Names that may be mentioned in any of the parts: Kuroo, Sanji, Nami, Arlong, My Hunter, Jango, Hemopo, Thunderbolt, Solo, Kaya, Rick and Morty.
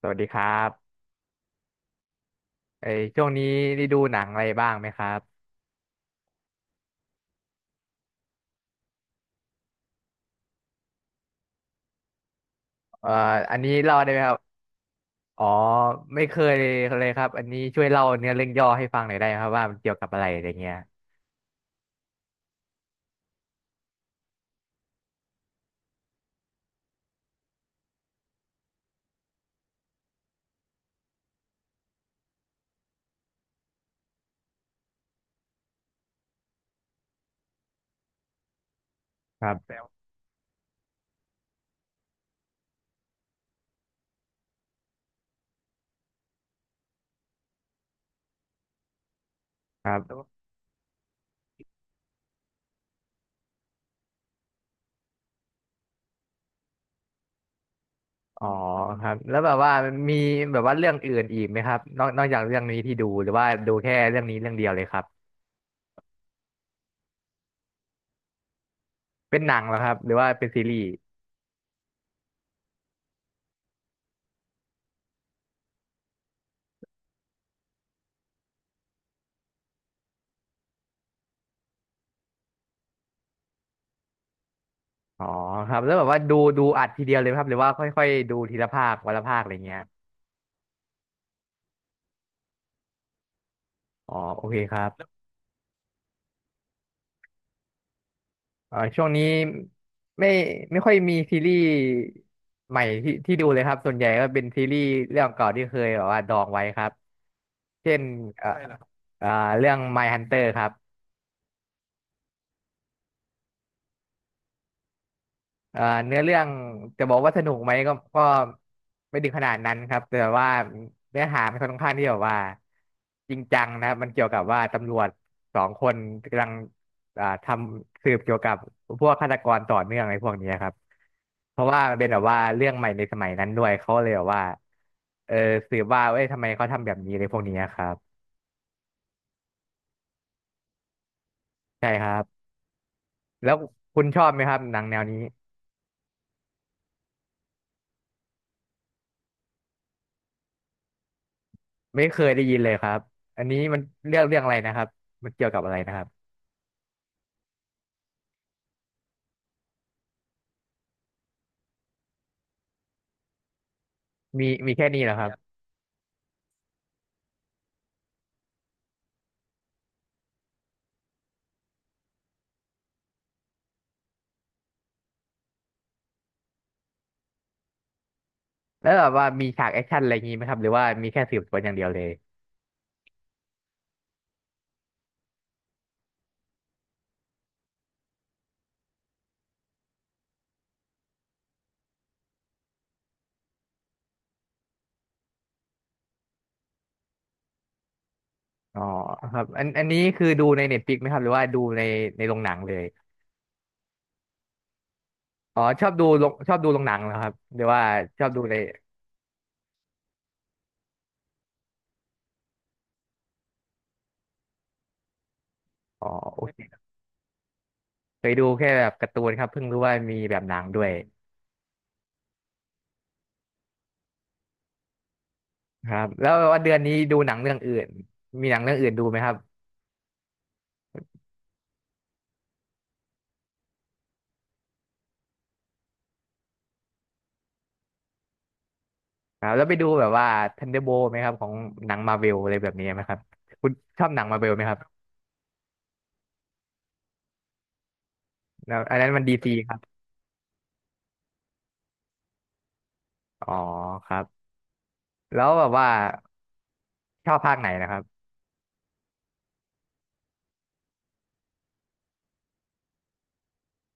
สวัสดีครับไอช่วงนี้ได้ดูหนังอะไรบ้างไหมครับเอ่ออันนี้เล่าได้ไหมครับอ๋อไม่เคยเลยครับอันนี้ช่วยเล่าเนื้อเรื่องย่อให้ฟังหน่อยได้ไหมครับว่ามันเกี่ยวกับอะไรอะไรเงี้ยครับครับอ๋อครับแล้วแบบว่ามันมีแบบว่าเรื่องอื่นอีกไหมครับนอกจากเรื่องนี้ที่ดูหรือว่าดูแค่เรื่องนี้เรื่องเดียวเลยครับเป็นหนังเหรอครับหรือว่าเป็นซีรีส์อ๋อครับแล้วแบบว่าดูอัดทีเดียวเลยไหมครับหรือว่าค่อยๆดูทีละภาควันละภาคอะไรเงี้ยอ๋อโอเคครับ อ่าช่วงนี้ไม่ไม่ค่อยมีซีรีส์ใหม่ที่ดูเลยครับส่วนใหญ่ก็เป็นซีรีส์เรื่องเก่าที่เคยแบบว่าดองไว้ครับเช่นอะไรล่ะอ่าเรื่อง My Hunter ครับ เนื้อเรื่องจะบอกว่าสนุกไหมก็ไม่ถึงขนาดนั้นครับแต่ว่าเนื้อหามันค่อนข้างที่แบบว่าจริงจังนะครับมันเกี่ยวกับว่าตำรวจสองคนกำลังอ่าทำสืบเกี่ยวกับพวกฆาตกรต่อเนื่องอะไรพวกนี้ครับเพราะว่ามันเป็นแบบว่าเรื่องใหม่ในสมัยนั้นด้วยเขาเลยแบบว่าเออสืบว่าเอ้ยทำไมเขาทำแบบนี้อะไรพวกนี้ครับใช่ครับแล้วคุณชอบไหมครับหนังแนวนี้ไม่เคยได้ยินเลยครับอันนี้มันเรื่องอะไรนะครับมันเกี่ยวกับอะไรนะครับ มีแค่นี้เหรอครับแล้วแบบว่ามีฉากแอคชั่นอะไรอย่างงี้ไหมครับหรือว่ามีแค่สืบสวนอย่างเดียวเลยอ๋อครับอันนี้คือดูในเน็ตฟลิกไหมครับหรือว่าดูในในโรงหนังเลยอ๋อชอบดูโรงหนังเหรอครับหรือว่าชอบดูในอ๋อโอเคเคยดูแค่แบบการ์ตูนครับเพิ่งรู้ว่ามีแบบหนังด้วยครับแล้วว่าเดือนนี้ดูหนังเรื่องอื่นมีหนังเรื่องอื่นดูไหมครับครับแล้วไปดูแบบว่า Thunderbolt ไหมครับของหนังมาเวลอะไรแบบนี้ไหมครับคุณชอบหนังมาเวลไหมครับแล้วอันนั้นมันดีซีครับอ๋อครับแล้วแบบว่า ชอบภาคไหนนะครับ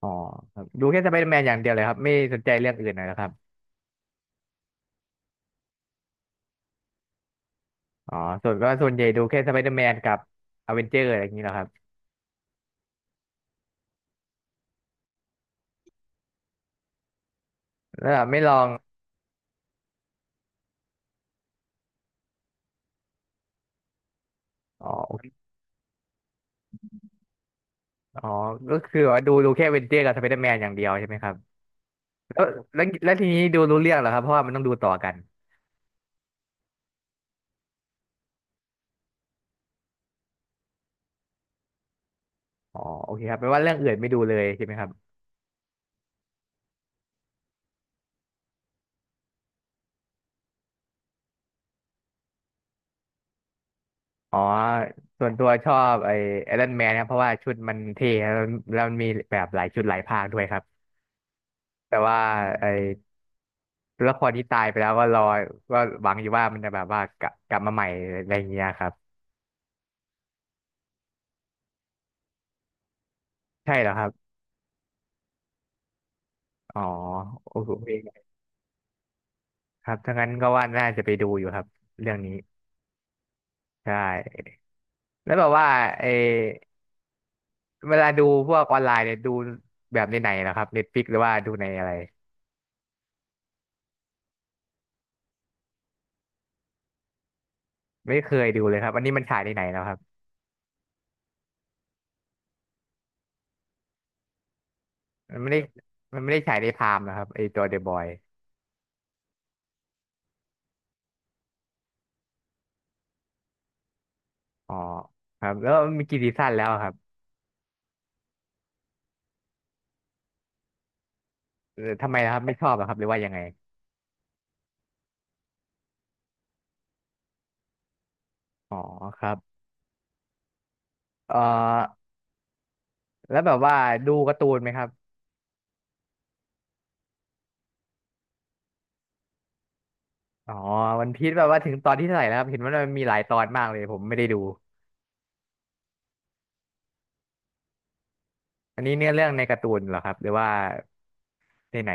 อ๋อครับดูแค่สไปเดอร์แมนอย่างเดียวเลยครับ ไม่สนใจเรื่องอื่นเลยนะครับอ๋อส่วนใหญ่ดูแค่สไปเดอร์แมนกับอเวนเจอร์อะไรอย่างนี้แหละครับแล้วไม่ลองอ๋ออ๋อก็คือว่าดูแค่อเวนเจอร์กับสไปเดอร์แมนอย่างเดียวใช่ไหมครับแล้วแล้วทีนี้ดูรู้เรื่องเหรอครับเพราะว่ามันต้องดูต่อกันอ๋อโอเคครับแปลว่าเรื่องอื่นไม่ดูเลยใช่ไหมครับอ๋อส่วนตัวชอบไอ้ไอรอนแมนครับเพราะว่าชุดมันเท่แล้วแล้วมันมีแบบหลายชุดหลายภาคด้วยครับแต่ว่าไอ้ ต้วครที่ตายไปแล้วก็รอก็หวังอยู่ว่ามันจะแบบว่ากลับมาใหม่อะไรอย่างเงี้ยครับใช่เหรอครับอ๋อโอ้โหเองครับถ้างั้นก็ว่าน่าจะไปดูอยู่ครับเรื่องนี้ใช่แล้วแบบว่าเออเวลาดูพวกออนไลน์เนี่ยดูแบบในไหนเหรอครับเน็ตฟลิกหรือว่าดูในอะไรไม่เคยดูเลยครับอันนี้มันฉายในไหนแล้วครับมันไม่ได้มันไม่ได้ฉายในพามนะครับไอตัวเดอะบอยอ๋อครับแล้วมีกี่ซีซั่นแล้วครับเออทำไมนะครับไม่ชอบเหรอครับหรือว่ายังไงอ๋อครับเอ่อ แล้วแบบว่าดูการ์ตูนไหมครับอ๋อวันพีซแบบว่าถึงตอนที่เท่าไหร่แล้วครับเห็นว่ามันมีหลายตอนมากเลยผมไม่ได้ดูอันนี้เนื้อเรื่องในการ์ตูนเหรอครับหรือว่าในไหน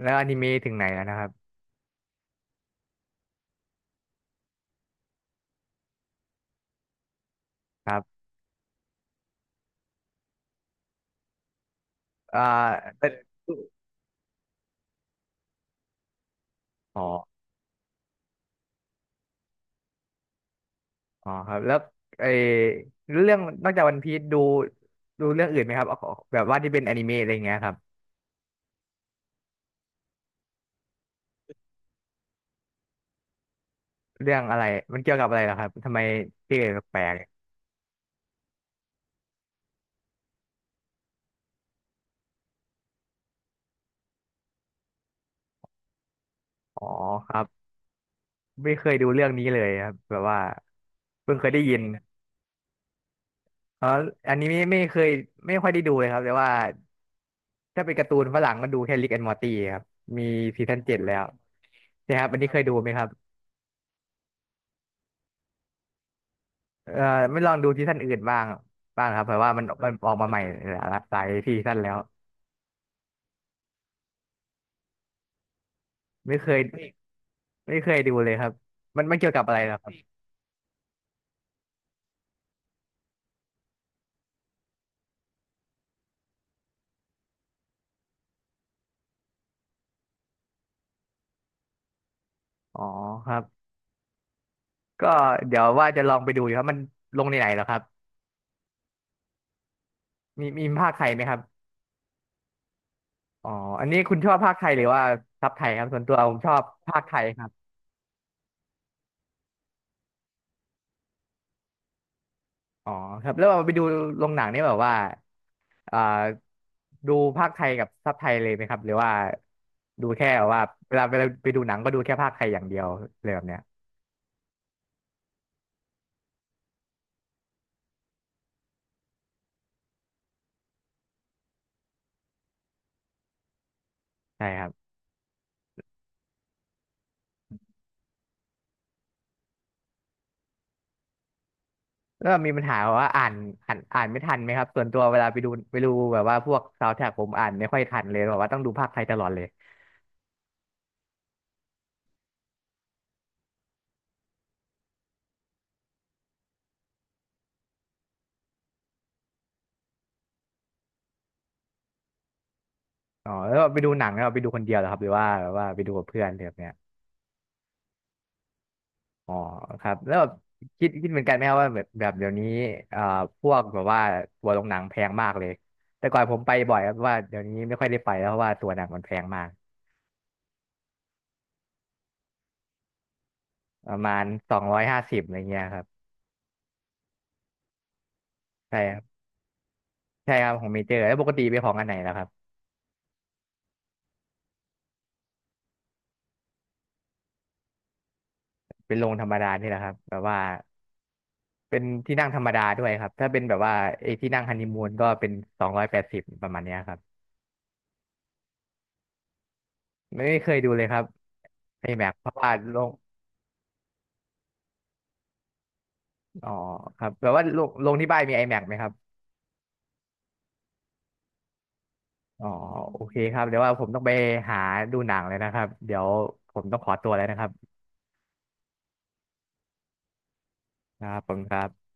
แล้วอนิเมะถึงไหนแล้วนะครับครับอ่าเป็นอ๋ออ๋อครับแล้วไอ้เรื่องนอกจากวันพีซดูเรื่องอื่นไหมครับเอาแบบว่าที่เป็นอนิเมะอะไรเงี้ยครับเรื่องอะไรมันเกี่ยวกับอะไรเหรอครับทำไมชื่อแปลกๆอ๋อครับไม่เคยดูเรื่องนี้เลยครับแบบว่าเพิ่งเคยได้ยิน อ๋ออันนี้ไม่ค่อยได้ดูเลยครับแต่ว่าถ้าเป็นการ์ตูนฝรั่งก็ดูแค่ Rick and Morty ครับมีซีซั่น 7แล้วนะครับอันนี้เคยดูไหมครับเอ่อไม่ลองดูซีซั่นอื่นบ้างบ้างครับเพราะว่ามันออกมาใหม่หลายซีซั่นแล้วไม่เคยไม่เคยดูเลยครับมันเกี่ยวกับอะไรเหรอครับอ๋อครับก็เดี๋ยวว่าจะลองไปดูอยู่ครับมันลงในไหนเหรอครับมีภาคไทยไหมครับอ๋ออันนี้คุณชอบภาคไทยหรือว่าซับไทยครับส่วนตัวผมชอบภาคไทยครับ อ๋อครับแล้วเอาไปดูโรงหนังนี่แบบว่าอ่าดูภาคไทยกับซับไทยเลยไหมครับหรือว่าดูแค่แบบว่าเวลาไปดูหนังก็ดูแค่ภาคไทยอย่างเดียวเลยแบบเนี้ยใช่ครับแล้วมีปัญหาว่าอ่านอ่านอ่านไม่ทันไหมครับส่วนตัวเวลาไปดูแบบว่าพวกซาวด์แทร็กผมอ่านไม่ค่อยทันเลยแบบว่าต้องดูภาคไทยตลอดเลยอ๋อแล้วไปดูหนังแล้วไปดูคนเดียวเหรอครับหรือว่าแบบว่าไปดูกับเพื่อนเลยแบบเนี้ย อ๋อครับแล้วแบบคิดเหมือนกันไหมครับว่าแบบเดี๋ยวนี้อ่าพวกแบบว่าตัวโรงหนังแพงมากเลยแต่ก่อนผมไปบ่อยครับเพราะว่าเดี๋ยวนี้ไม่ค่อยได้ไปแล้วเพราะว่าตัวหนังมันแพงมากประมาณ250อะไรเงี้ยครับใช่ครับใช่ครับของเมเจอร์แล้วปกติไปของอันไหนแล้วครับเป็นโรงธรรมดานี่แหละครับแบบว่าเป็นที่นั่งธรรมดาด้วยครับถ้าเป็นแบบว่าไอ้ที่นั่งฮันนีมูนก็เป็น280ประมาณเนี้ยครับไม่เคยดูเลยครับไอแม็กเพราะว่าโรงอ๋อครับแบบว่าโรงที่บ้านมีไอแม็กไหมครับ อ๋อโอเคครับเดี๋ยวว่าผมต้องไปหาดูหนังเลยนะครับเดี๋ยวผมต้องขอตัวแล้วนะครับครับผมครับ